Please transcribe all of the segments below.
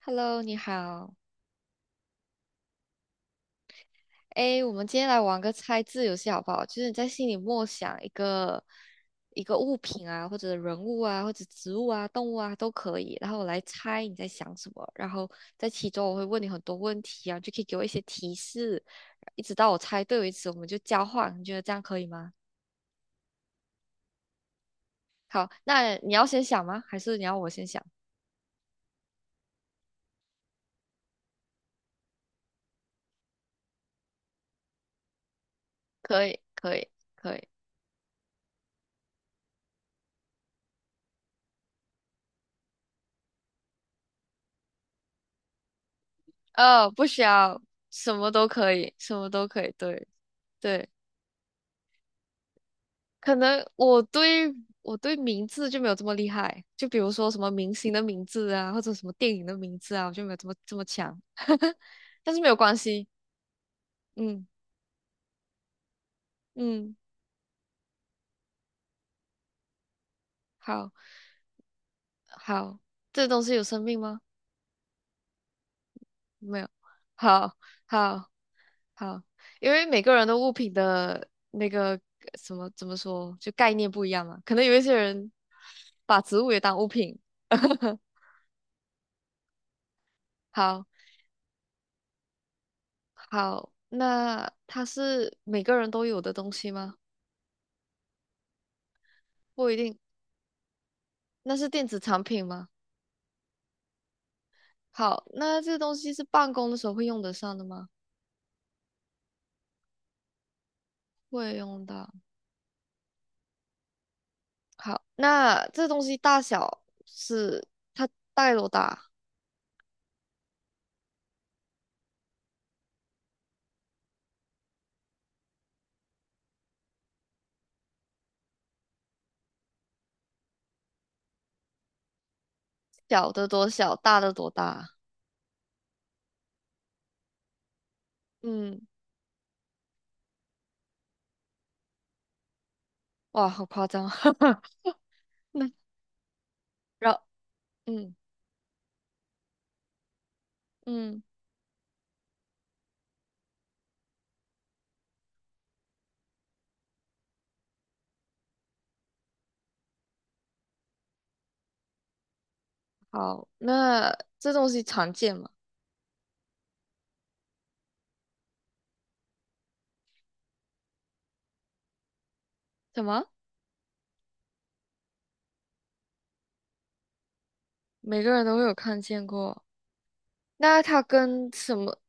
Hello，你好。诶，我们今天来玩个猜字游戏好不好？就是你在心里默想一个物品啊，或者人物啊，或者植物啊、动物啊都可以，然后我来猜你在想什么。然后在其中我会问你很多问题啊，就可以给我一些提示，一直到我猜对为止，我们就交换。你觉得这样可以吗？好，那你要先想吗？还是你要我先想？可以，可以，可以。哦，不需要，什么都可以，什么都可以。对，对。可能我对名字就没有这么厉害，就比如说什么明星的名字啊，或者什么电影的名字啊，我就没有这么强。但是没有关系，嗯嗯，好好，这东西有生命吗？没有，好好好，因为每个人的物品的那个什么怎么说，就概念不一样嘛，可能有一些人把植物也当物品。好，好，那它是每个人都有的东西吗？不一定，那是电子产品吗？好，那这东西是办公的时候会用得上的吗？会用到。好，那这东西大小是它大概多大？小的多小，大的多大？嗯，哇，好夸张啊。那然后，嗯嗯，好，那这东西常见吗？什么？每个人都会有看见过。那它跟什么？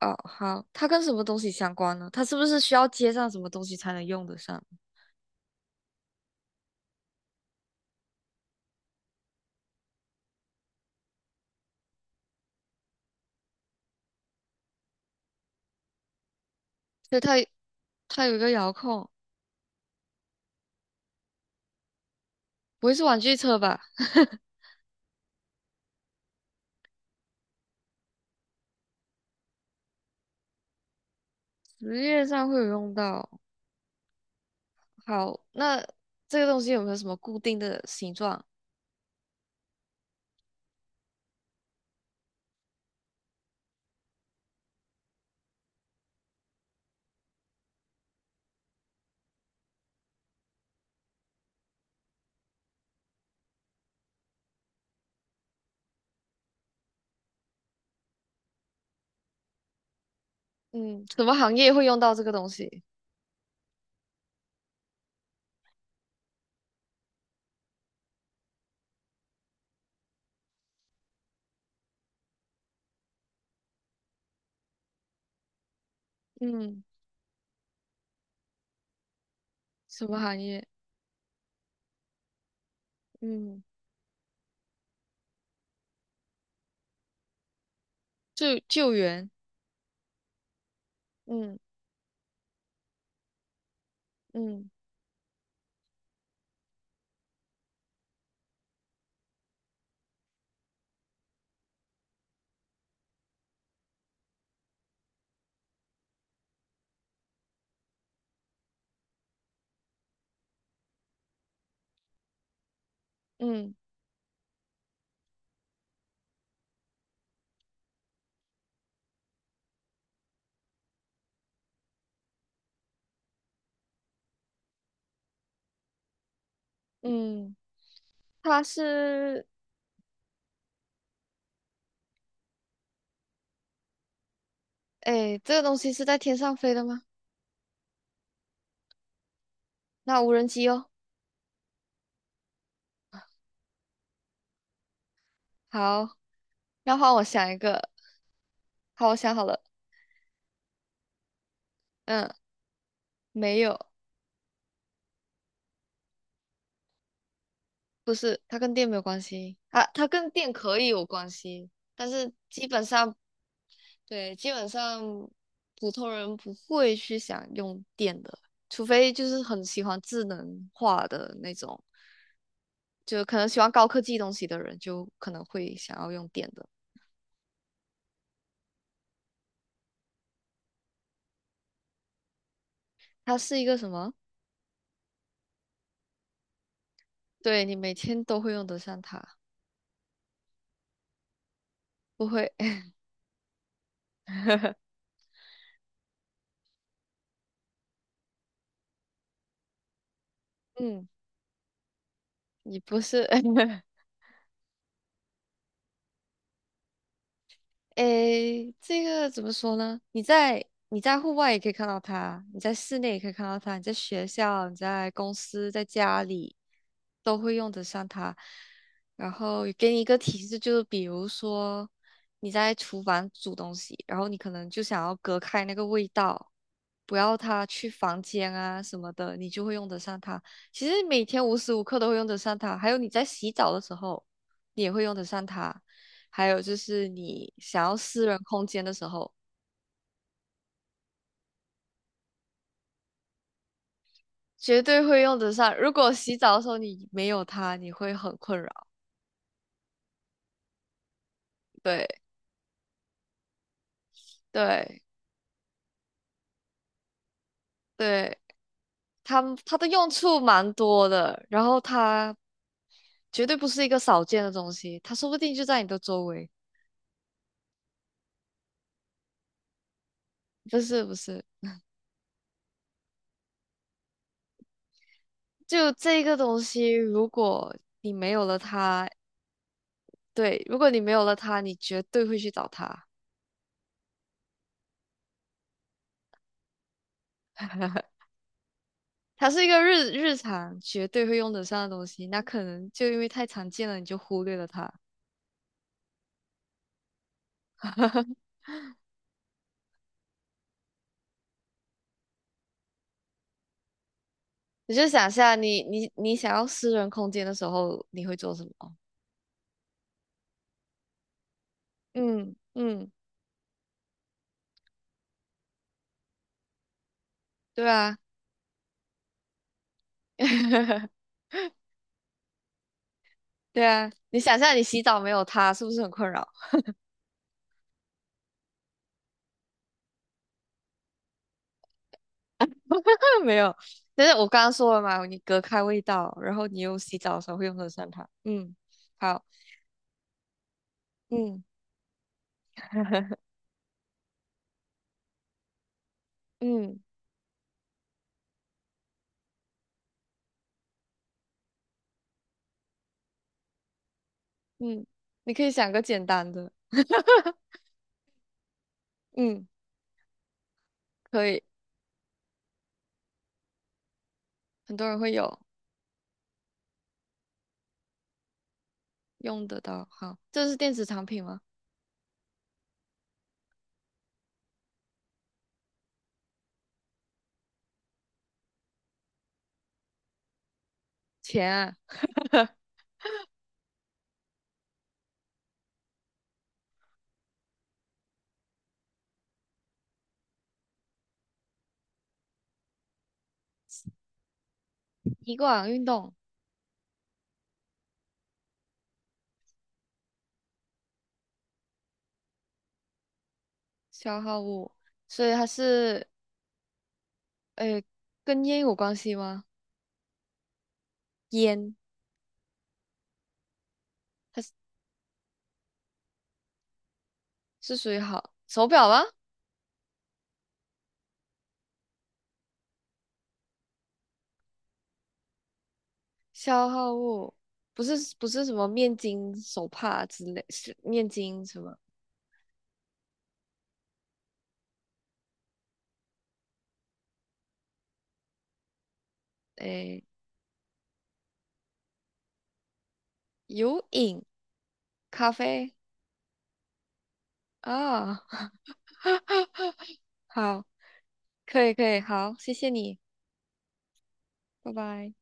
哦，好，它跟什么东西相关呢？它是不是需要接上什么东西才能用得上？对，它有一个遥控，不会是玩具车吧？职业上会有用到。好，那这个东西有没有什么固定的形状？嗯，什么行业会用到这个东西？嗯，什么行业？嗯，救援。嗯嗯嗯嗯，它是，哎，这个东西是在天上飞的吗？那无人机哦。好，那换我想一个。好，我想好了，嗯，没有，不是，它跟电没有关系啊，它跟电可以有关系，但是基本上，对，基本上普通人不会去想用电的，除非就是很喜欢智能化的那种，就可能喜欢高科技东西的人，就可能会想要用电的。它是一个什么？对，你每天都会用得上它，不会，嗯，你不是。诶，这个怎么说呢？你在户外也可以看到它，你在室内也可以看到它，你在学校、你在公司、在家里都会用得上它。然后给你一个提示，就是比如说你在厨房煮东西，然后你可能就想要隔开那个味道，不要它去房间啊什么的，你就会用得上它。其实每天无时无刻都会用得上它，还有你在洗澡的时候，你也会用得上它。还有就是你想要私人空间的时候，绝对会用得上。如果洗澡的时候你没有它，你会很困扰。对对对，它的用处蛮多的，然后它绝对不是一个少见的东西，它说不定就在你的周围。不是不是，就这个东西，如果你没有了它，对，如果你没有了它，你绝对会去找它。它是一个日常绝对会用得上的东西，那可能就因为太常见了，你就忽略了它。你就想一下你想要私人空间的时候，你会做什么？嗯嗯，对啊，对啊。你想象你洗澡没有它，是不是很困扰？没有，但是我刚刚说了嘛，你隔开味道，然后你用洗澡的时候会用得上它。嗯，好，嗯 嗯嗯，你可以想个简单的，嗯，可以，很多人会有。用得到。好，这是电子产品吗？钱啊，一罐运动消耗物，所以它是呃跟烟有关系吗？烟，它是属于好手表吗？消耗物不是不是什么面巾、手帕之类，是面巾什么？诶，有饮咖啡啊，好，可以可以，好，谢谢你，拜拜。